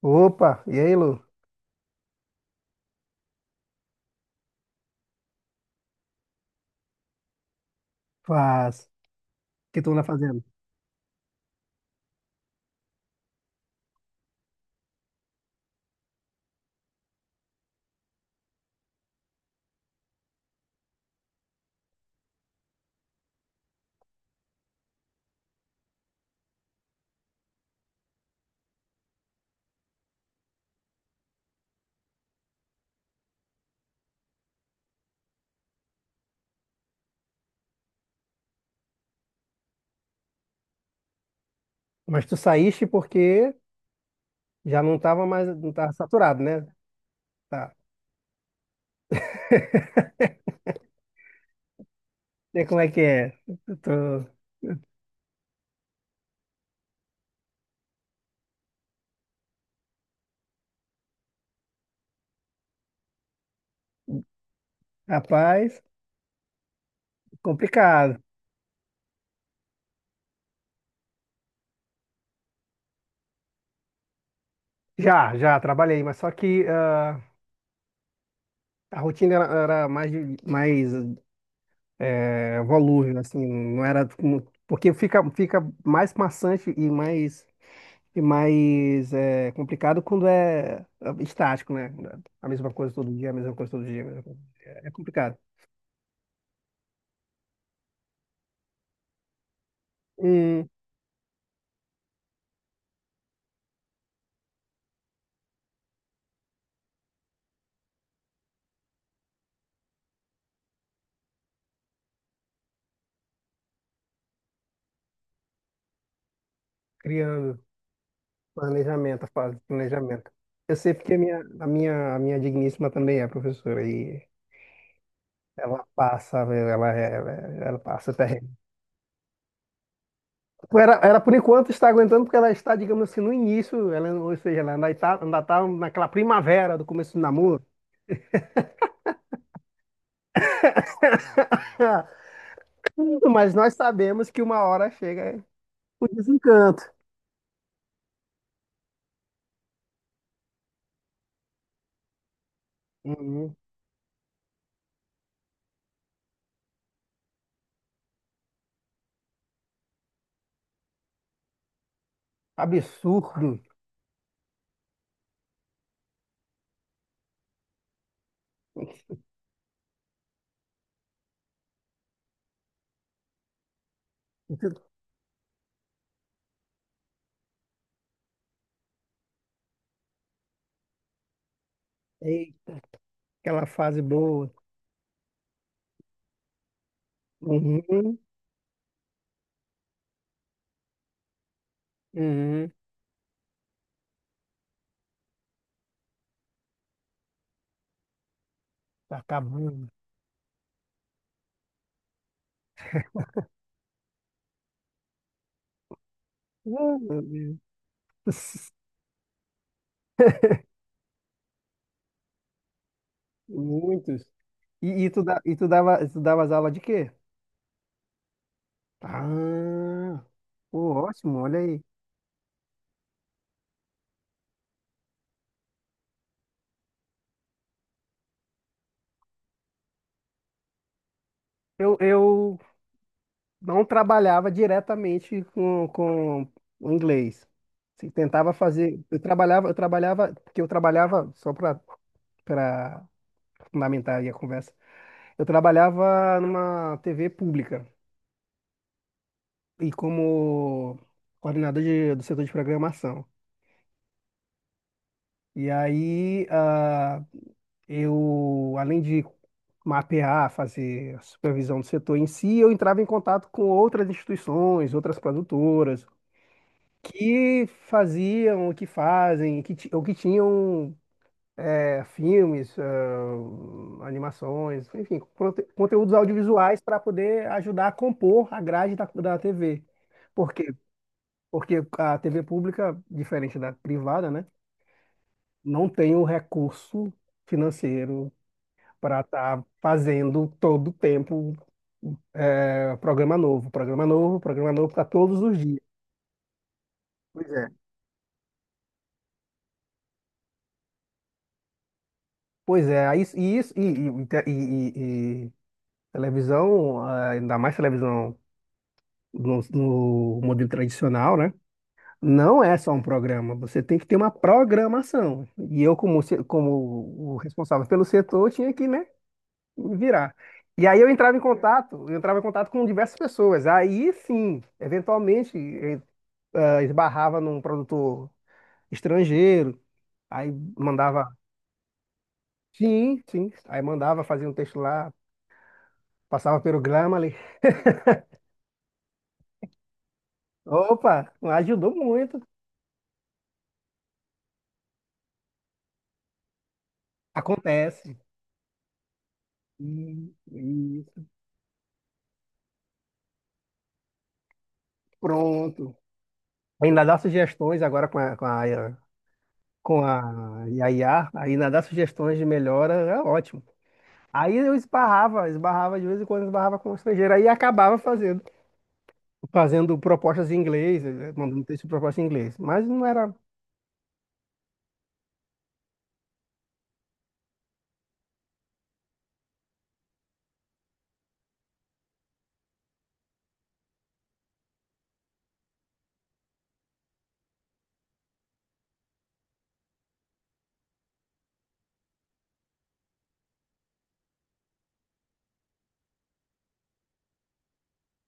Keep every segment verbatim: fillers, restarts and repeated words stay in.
Opa, e aí, Lu? Faz. O que tu anda fazendo? Mas tu saíste porque já não tava mais, não tava saturado, né? Tá. E como é que é? Eu tô... Rapaz, complicado. Já, já trabalhei, mas só que ah, a rotina era, era mais, de- mais eh, volúvel, assim, não era como- porque fica, fica mais maçante e mais. E mais é complicado quando é é estático, né? A mesma coisa todo dia, a mesma coisa todo dia, a mesma coisa. É é complicado. Hum, Criando planejamento, a fase de planejamento. Eu sei porque a minha, a minha, a minha digníssima também é professora e ela passa, velho, ela, é- ela, é- ela passa terreno. Tipo, Ela, ela, por enquanto, está aguentando porque ela está, digamos assim, no início, ela, ou seja, ela ainda está, ainda tá naquela primavera do começo do namoro. Mas nós sabemos que uma hora chega o desencanto. Uhum. Absurdo. Eita, aquela fase boa. Uhum. Uhum. Tá acabando. Ah, meu Deus. Muitos. E, e, tu, da- e tu dava, tu dava as aulas de quê? Ah, pô, ótimo, olha aí. Eu, eu não trabalhava diretamente com, com o inglês. Se tentava fazer, eu trabalhava, eu trabalhava, porque eu trabalhava só para para fundamentar aí a conversa. Eu trabalhava numa T V pública e como coordenador de- do setor de programação. E aí, ah, eu, além de mapear, fazer a supervisão do setor em si, eu entrava em contato com outras instituições, outras produtoras, que faziam, que fazem, que, ti- ou que tinham é, filmes, ah, animações, enfim, conte- conteúdos audiovisuais para poder ajudar a compor a grade da, da T V. Porque a T V pública, diferente da privada, né, não tem o recurso financeiro para estar fazendo todo o tempo é, programa novo, programa novo, programa novo para todos os dias. Pois é. Pois é, aí isso, e, isso, e, e, e- e- e televisão, ah, ainda mais televisão no, no modelo tradicional, né? Não é só um programa, você tem que ter uma programação. E eu, como, se- como o responsável pelo setor, tinha que, né, virar. E aí eu entrava em contato, eu entrava em contato com diversas pessoas. Aí sim, eventualmente eh, ah, esbarrava num produtor estrangeiro, aí mandava, sim, sim, aí mandava fazer um texto lá, passava pelo Grammarly. Opa, ajudou muito. Acontece. E- e Pronto. Ainda dá sugestões agora com a, com a, com a I A, ainda dá sugestões de melhora, é ótimo. Aí eu esbarrava, esbarrava de vez em quando, esbarrava com um estrangeiro. Aí acabava fazendo, fazendo propostas em inglês, eh, mandando texto de proposta em inglês. Mas não era.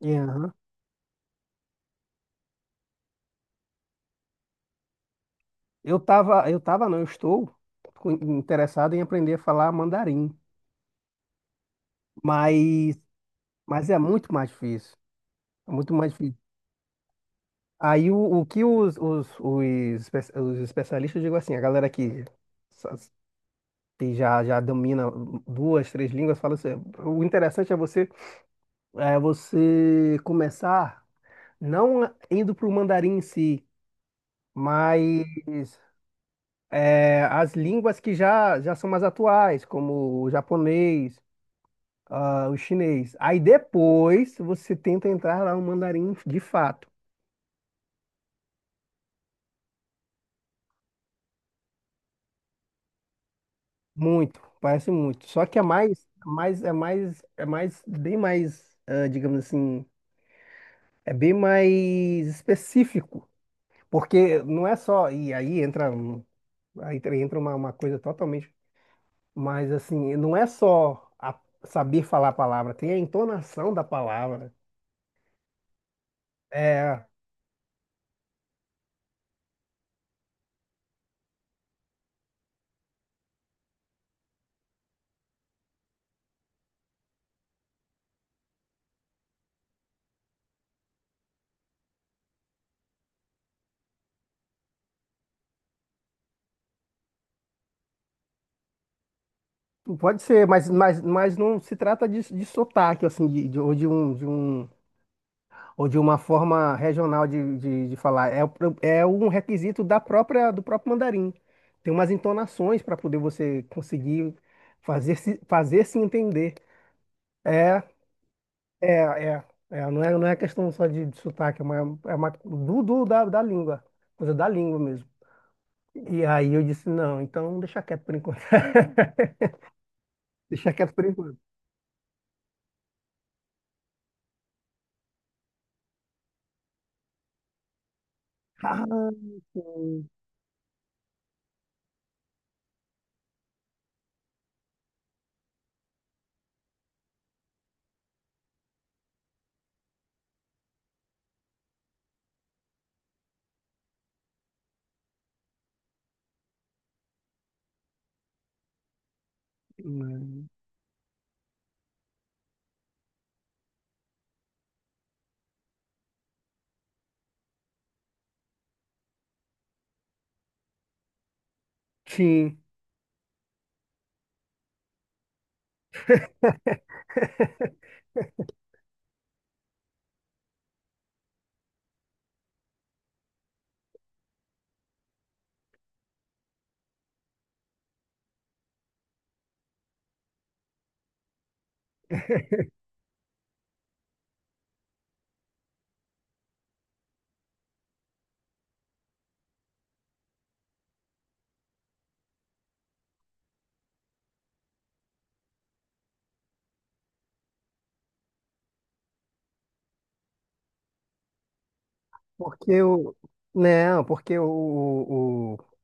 E, aham. Eu tava, eu tava, não, eu estou com- interessado em aprender a falar mandarim. Mas, mas é muito mais difícil. É muito mais difícil. Aí o, o que os, os, os, espe- os especialistas, eu digo assim, a galera que, sa- que já, já domina duas, três línguas, fala assim, o interessante é você, é você começar não indo para o mandarim em si, mas é, as línguas que já, já são mais atuais, como o japonês, ah, o chinês. Aí depois você tenta entrar lá no mandarim de fato. Muito, parece muito. Só que é mais, é mais, é mais, é mais, bem mais, ah, digamos assim, é bem mais específico. Porque não é só, e aí entra, um- aí entra uma, uma coisa totalmente. Mas assim, não é só a- saber falar a palavra, tem a entonação da palavra. É, pode ser, mas, mas, mas não se trata de, de sotaque, assim, de, de- ou de um, de um, ou de uma forma regional de, de, de falar. É, o pro- é um requisito da própria, do próprio mandarim. Tem umas entonações para poder você conseguir fazer se, fazer se entender. É, é, é, é, não é, não é questão só de, de sotaque, é uma, é uma do, do- da, da língua, coisa da língua mesmo. E aí eu disse, não, então deixa quieto por enquanto. Deixa quieto por enquanto. Ah, sim. Né. Sim. Porque o. Não, porque o, o- o-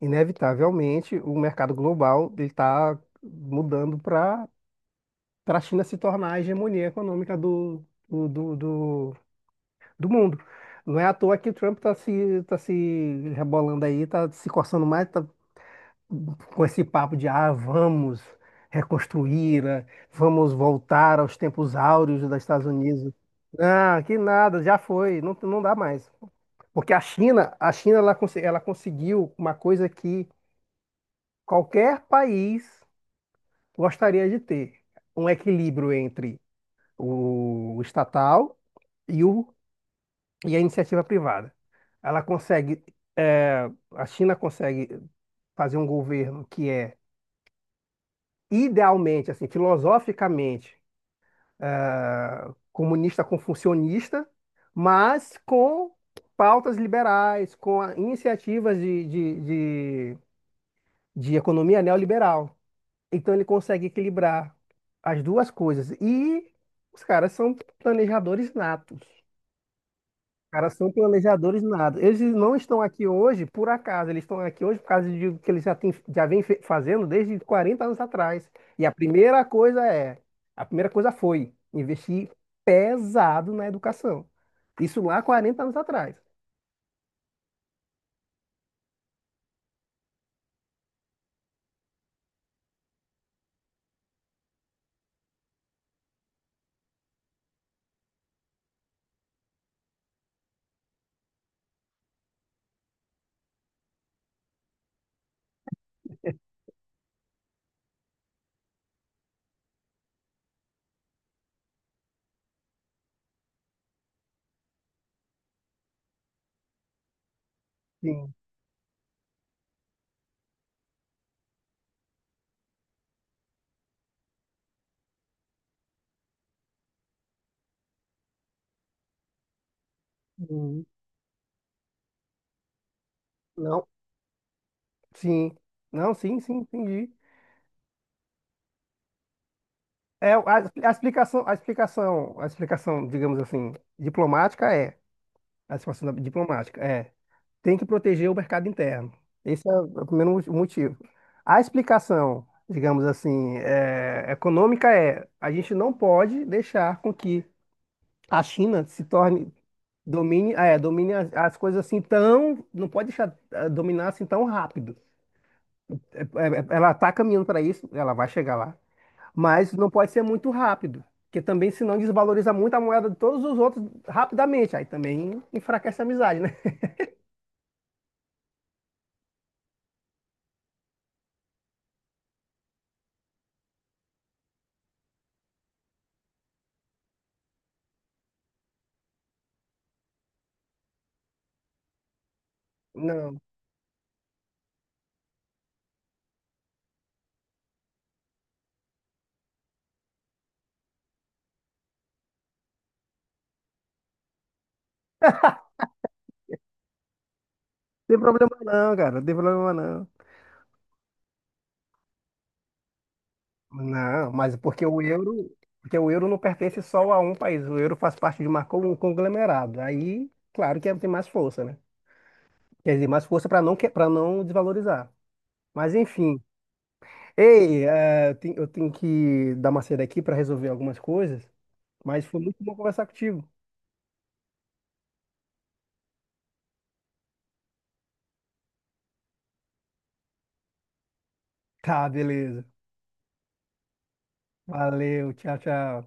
inevitavelmente o mercado global ele está mudando para para a China se tornar a hegemonia econômica do, do, do, do, do mundo. Não é à toa que o Trump está se, tá se rebolando aí, está se coçando mais, tá com esse papo de ah, vamos reconstruir, ah, vamos voltar aos tempos áureos dos Estados Unidos. Ah, que nada, já foi, não, não dá mais. Porque a China, a China ela, conse- ela conseguiu uma coisa que qualquer país gostaria de ter, um equilíbrio entre o estatal e, o, e a iniciativa privada. Ela consegue, eh, a China consegue fazer um governo que é idealmente, assim, filosoficamente, eh, comunista com funcionista, mas com pautas liberais, com a- iniciativas de, de, de, de economia neoliberal. Então ele consegue equilibrar as duas coisas. E os caras são planejadores natos. Caras são planejadores nada. Eles não estão aqui hoje por acaso, eles estão aqui hoje por causa de o que eles já, têm, já vêm fe- fazendo desde quarenta anos atrás. E a primeira coisa é, a primeira coisa foi investir pesado na educação. Isso lá quarenta anos atrás. Sim. Uhum. Não, sim. Não, sim, sim, entendi. É, a, a explicação, a explicação, a explicação, digamos assim, diplomática é, a explicação da- diplomática é tem que proteger o mercado interno. Esse é o primeiro mo- motivo. A explicação, digamos assim, é, econômica é a gente não pode deixar com que a China se torne, domine, é, domine as, as coisas assim tão, não pode deixar eh, dominar assim tão rápido. É, é, Ela está caminhando para isso, ela vai chegar lá, mas não pode ser muito rápido. Porque também, senão, desvaloriza muito a moeda de todos os outros rapidamente. Aí também enfraquece a amizade, né? Não, não tem problema não, cara. Não tem problema não. Não, mas porque o euro, porque o euro não pertence só a um país. O euro faz parte de uma con- um conglomerado. Aí, claro que é, tem mais força, né? Quer dizer, mais força para não para não desvalorizar. Mas enfim. Ei, eh, eu ten- eu tenho que dar uma saída aqui para resolver algumas coisas, mas foi muito bom conversar contigo. Tá, beleza. Valeu, tchau, tchau.